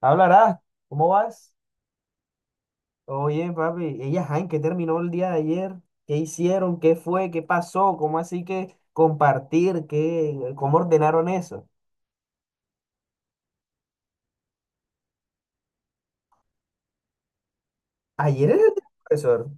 Hablarás, ¿cómo vas? Oye, papi, ella, ajá, ¿en qué terminó el día de ayer? ¿Qué hicieron? ¿Qué fue? ¿Qué pasó? ¿Cómo así que compartir? ¿Qué, cómo ordenaron eso? Ayer era el día del profesor.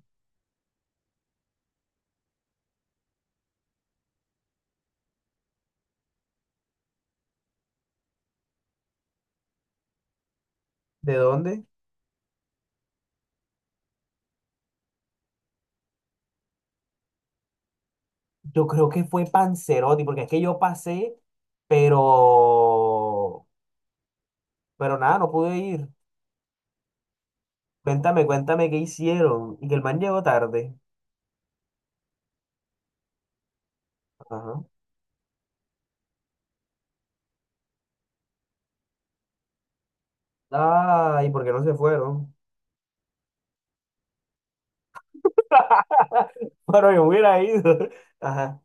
¿De dónde? Yo creo que fue Panzerotti, porque es que yo pasé, pero, pero nada, no pude ir. Cuéntame, cuéntame qué hicieron. Y que el man llegó tarde. Ajá. Ay, ¿por qué no se fueron? Bueno, yo hubiera ido. Ajá.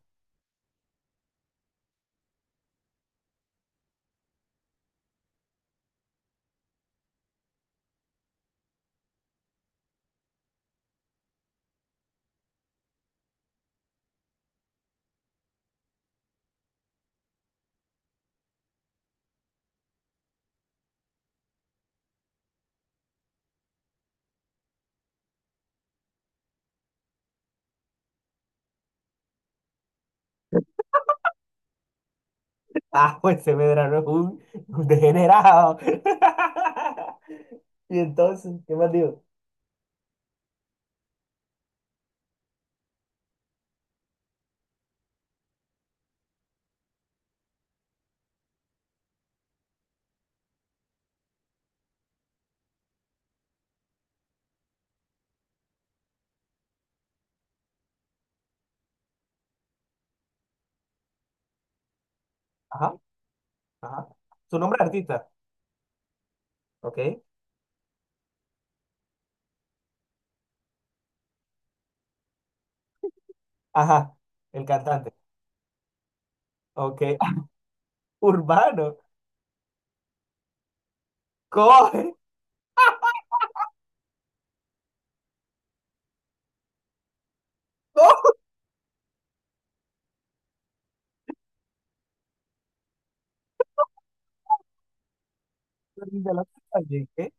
Ah, pues ese Medrano es un degenerado. Y entonces, ¿qué más digo? Ajá, ajá. Su nombre es artista, ¿ok? Ajá, el cantante, ¿ok? Urbano, coge. De la calle, ¿qué?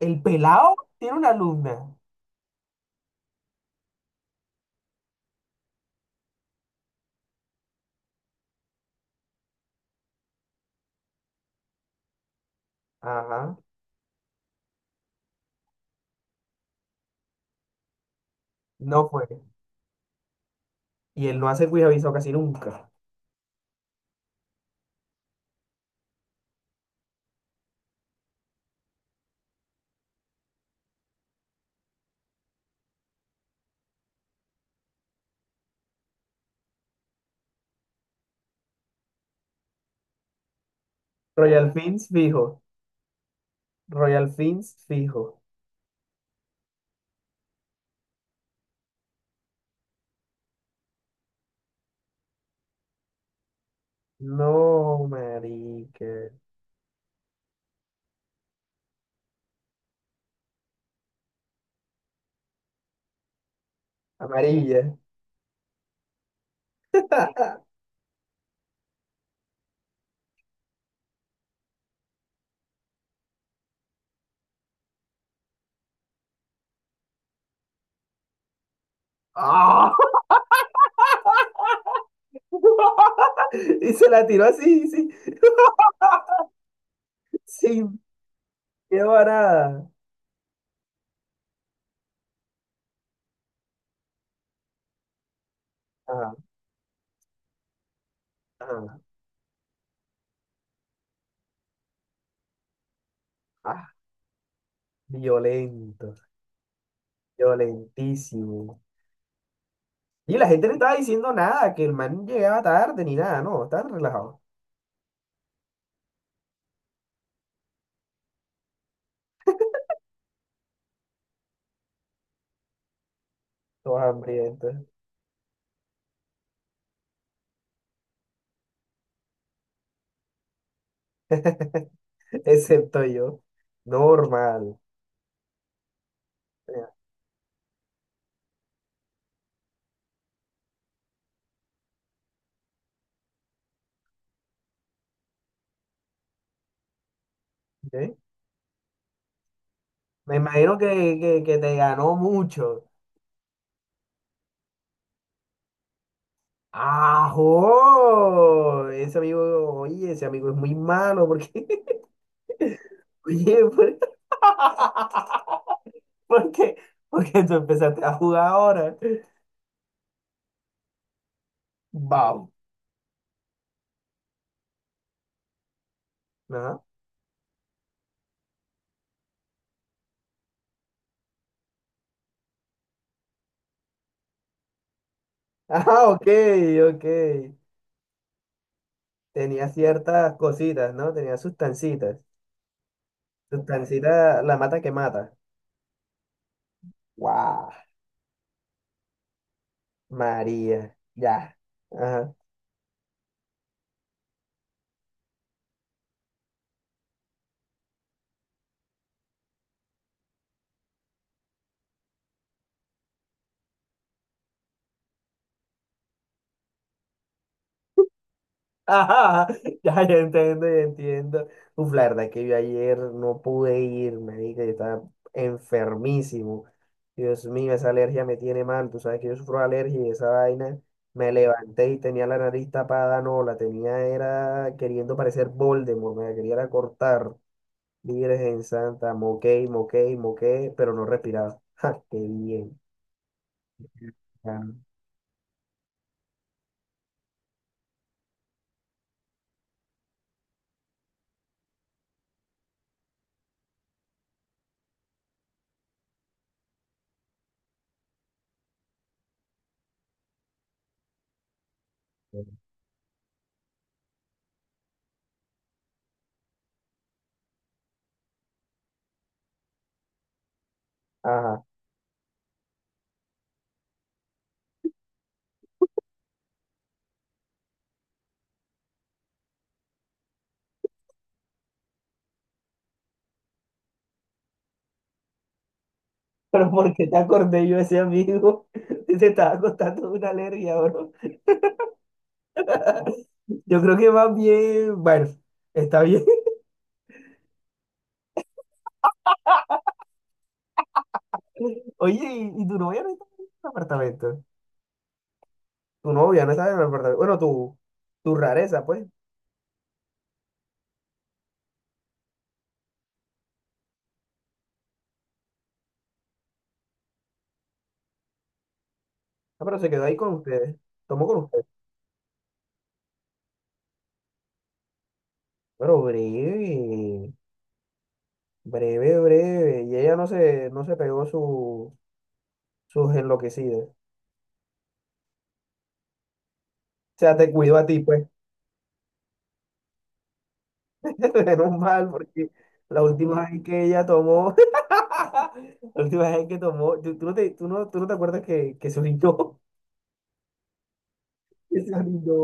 El pelado tiene una alumna. Ajá, no fue. Y él no hace cuidaviso casi nunca. Royal Fins fijo. Royal Fins fijo. No, marica. Amarilla. ah Y se la tiró así, sí, sin miedo a nada. Ah, ah, ah, violento, violentísimo. Y la gente no estaba diciendo nada, que el man llegaba tarde ni nada, no, estaban relajados, todos hambrientos, excepto yo. Normal. ¿Ok? Me imagino que te ganó mucho. ¡Ajo! Ese amigo, oye, ese amigo es muy malo porque, oye, pues, ¿Por qué? Porque tú empezaste a jugar ahora. Wow. Ajá. Ah, ok, ok. Tenía ciertas cositas, ¿no? Tenía sustancitas. Sustancita, la mata que mata. Wow. María. Ya. Ajá. Ajá. Ya, ya entiendo, ya entiendo. Uf, la verdad es que yo ayer no pude ir, marica. Yo estaba enfermísimo. Dios mío, esa alergia me tiene mal. Tú sabes que yo sufro de alergia y esa vaina me levanté y tenía la nariz tapada. No, la tenía, era queriendo parecer Voldemort, me la quería era cortar. Virgen Santa, moqué, moqué, moqué, pero no respiraba. ¡Ja! ¡Qué bien! Ah, Ajá. Pero ¿por qué te acordé yo de ese amigo? Te estaba contando una alergia, bro. Yo creo que va bien, bueno, está bien. Oye, ¿y tu novia no está en el apartamento? Tu novia no estaba en el apartamento. Bueno, tu rareza, pues. Ah, pero se quedó ahí con ustedes. Tomó con ustedes. Pero breve, breve, breve. Y ella no se pegó su, sus enloquecidas. O sea, te cuidó a ti, pues. Menos mal, porque la última vez que ella tomó, la última vez que tomó, tú no te acuerdas que se orinó, que se orinó.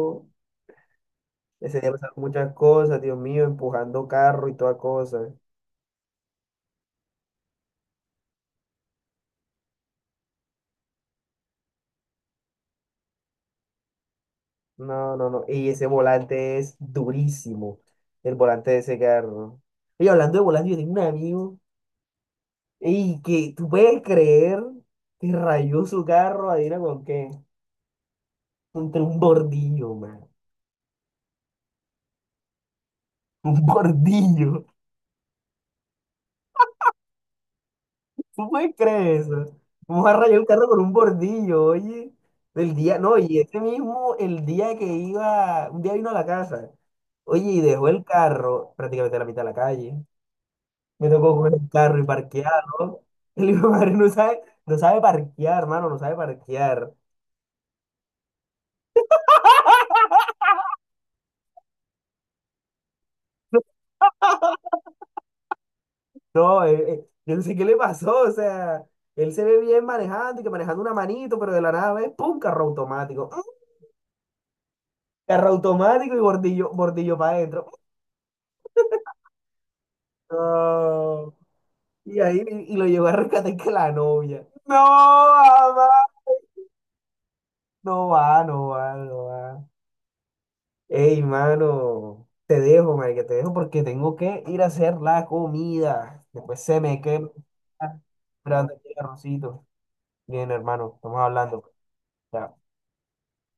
Ese día pasaron muchas cosas, Dios mío, empujando carro y toda cosa. No, no, no. Y ese volante es durísimo. El volante de ese carro. Y hablando de volante, yo tengo un amigo. Y que tú puedes creer que rayó su carro, adivina con qué. Contra un bordillo, man. Un bordillo. ¿Tú puedes creer eso? Vamos a rayar un carro con un bordillo, oye. El día, no, y ese mismo, el día que iba, un día vino a la casa. Oye, y dejó el carro prácticamente a la mitad de la calle. Me tocó coger el carro y parquearlo. El hijo de madre no sabe, no sabe parquear, hermano, no sabe parquear. No, yo no sé qué le pasó, o sea, él se ve bien manejando y que manejando una manito, pero de la nada ve, ¡pum! Carro automático. ¡Mm! Carro automático y bordillo, bordillo para adentro. Mm, no. Y ahí y lo llevó a rescatar que la novia. No, mamá. No va, no va, no va. Ey, mano, te dejo, marica, te dejo porque tengo que ir a hacer la comida. Después se me quema esperando aquí arrocito. Bien, hermano, estamos hablando. Chao.